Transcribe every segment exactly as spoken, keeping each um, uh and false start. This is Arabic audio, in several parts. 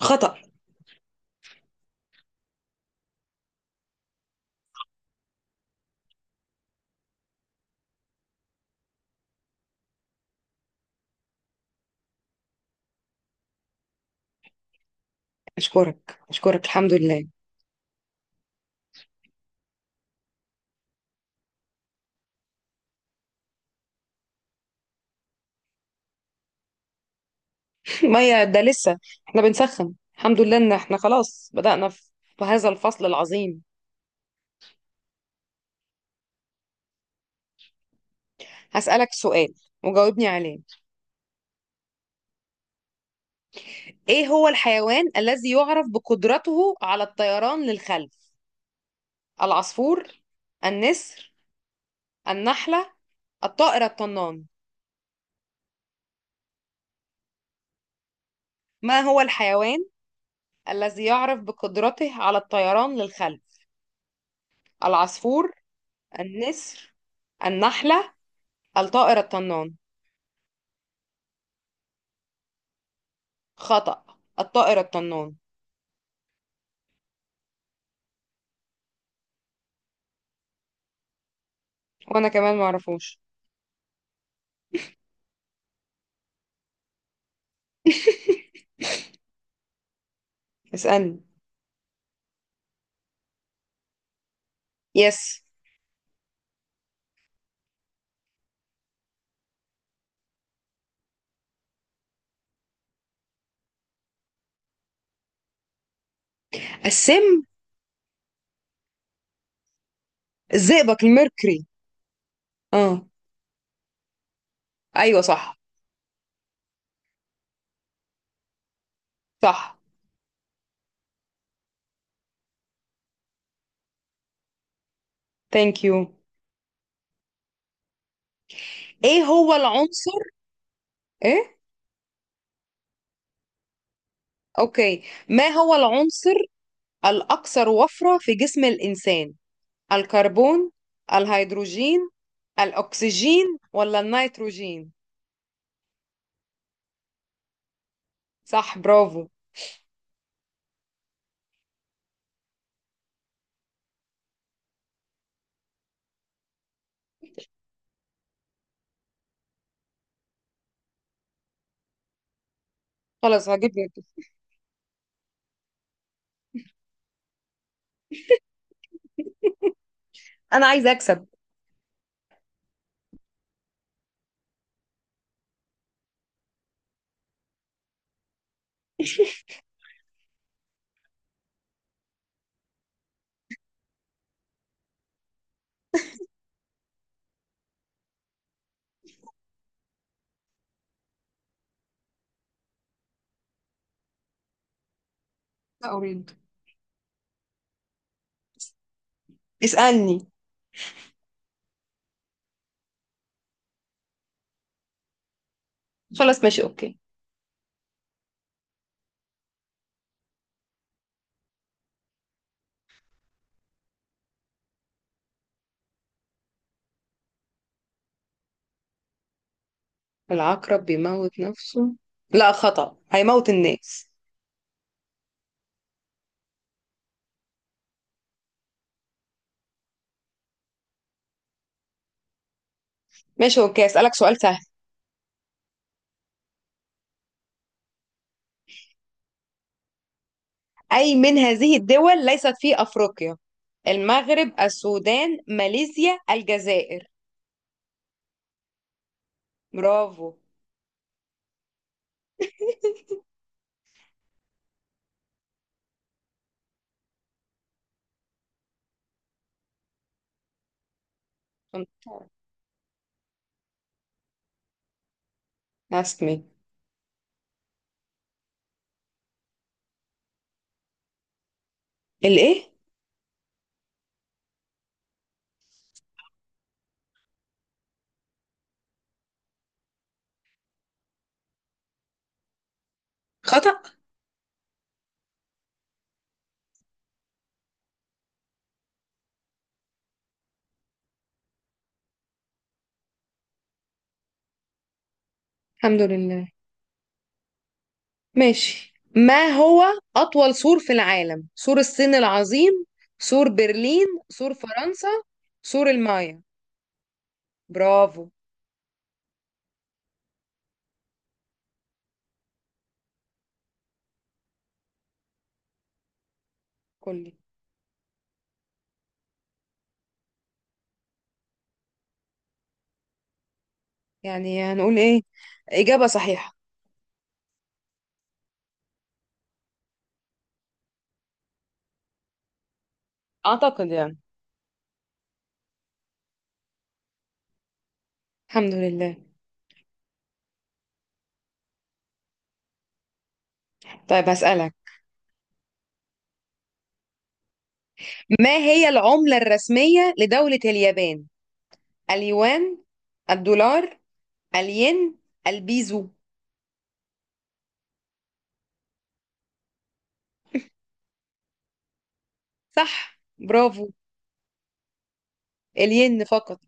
خطأ. أشكرك أشكرك الحمد لله. مية ده لسه احنا بنسخن. الحمد لله إن احنا خلاص بدأنا في في هذا الفصل العظيم. هسألك سؤال وجاوبني عليه، إيه هو الحيوان الذي يعرف بقدرته على الطيران للخلف؟ العصفور، النسر، النحلة، الطائر الطنان؟ ما هو الحيوان الذي يعرف بقدرته على الطيران للخلف؟ العصفور، النسر، النحلة، الطائر الطنان؟ خطأ، الطائر الطنان. وانا كمان معرفوش. اسألني. يس. السم. الزئبق الميركوري. اه. ايوه، صح. صح. ثانك يو. ايه هو العنصر، ايه. اوكي، ما هو العنصر الاكثر وفرة في جسم الانسان؟ الكربون، الهيدروجين، الاكسجين ولا النيتروجين؟ صح، برافو. خلاص هجيب لك. انا عايزه اكسب. لا اريد. اسألني. خلاص ماشي اوكي. العقرب بيموت نفسه، لا خطأ، هيموت الناس. ماشي اوكي، اسألك سؤال سهل. أي من هذه الدول ليست في أفريقيا؟ المغرب، السودان، ماليزيا، الجزائر؟ برافو. اسمي. الايه؟ خطأ. الحمد لله. ماشي، ما هو أطول سور في العالم؟ سور الصين العظيم، سور برلين، سور فرنسا، سور المايا؟ برافو. كلي، يعني هنقول ايه، إجابة صحيحة. أعتقد يعني. الحمد لله. طيب هسألك، ما هي العملة الرسمية لدولة اليابان؟ اليوان، الدولار، الين، البيزو؟ صح، برافو. الين فقط.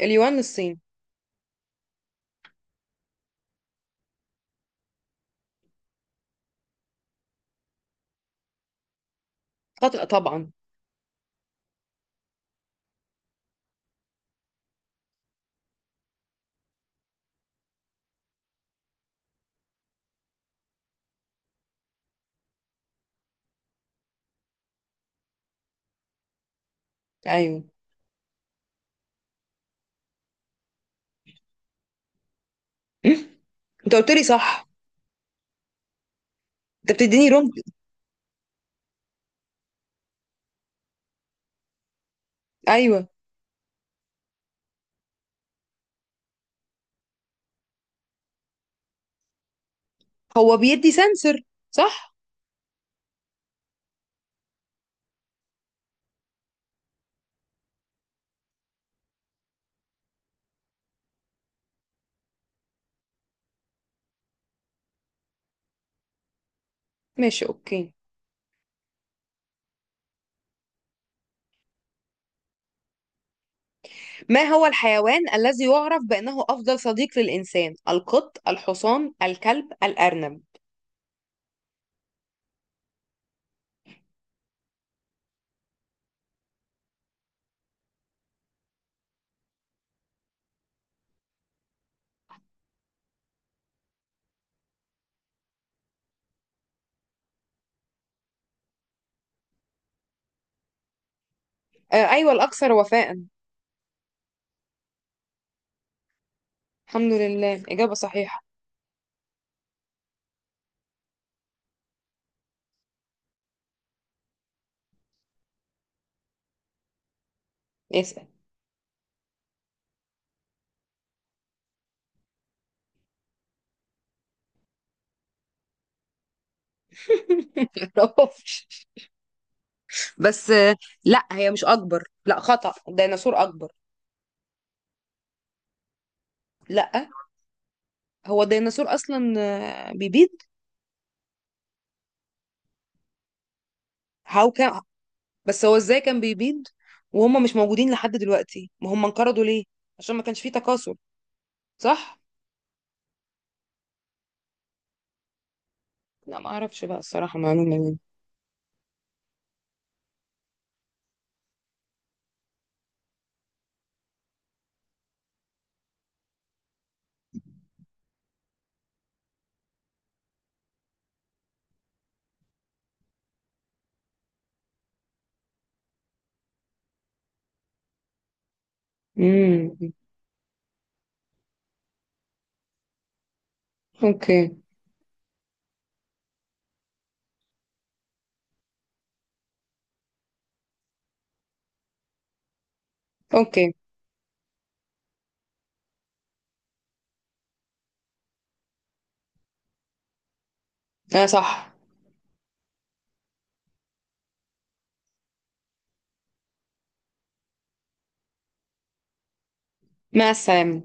اليوان للصين. خطأ طبعا. ايوه. م? انت قلت لي صح. انت بتديني رمز. ايوه. هو بيدي سنسر، صح. ماشي اوكي. ما هو الحيوان الذي يعرف بأنه أفضل صديق للإنسان؟ القط، الحصان، الكلب، الأرنب؟ آه، أيوة، الأكثر وفاء. الحمد لله، إجابة صحيحة. اسأل. معرفش. بس آه، لا هي مش أكبر، لا خطأ، الديناصور أكبر. لا، هو الديناصور أصلا آه، بيبيض. هاو كان؟ بس هو إزاي كان بيبيض وهم مش موجودين لحد دلوقتي؟ ما هم انقرضوا ليه؟ عشان ما كانش فيه تكاثر، صح؟ لا ما أعرفش بقى الصراحة معلومة دي. امم أوكي. أوكي، أنا صح. مع السلامة.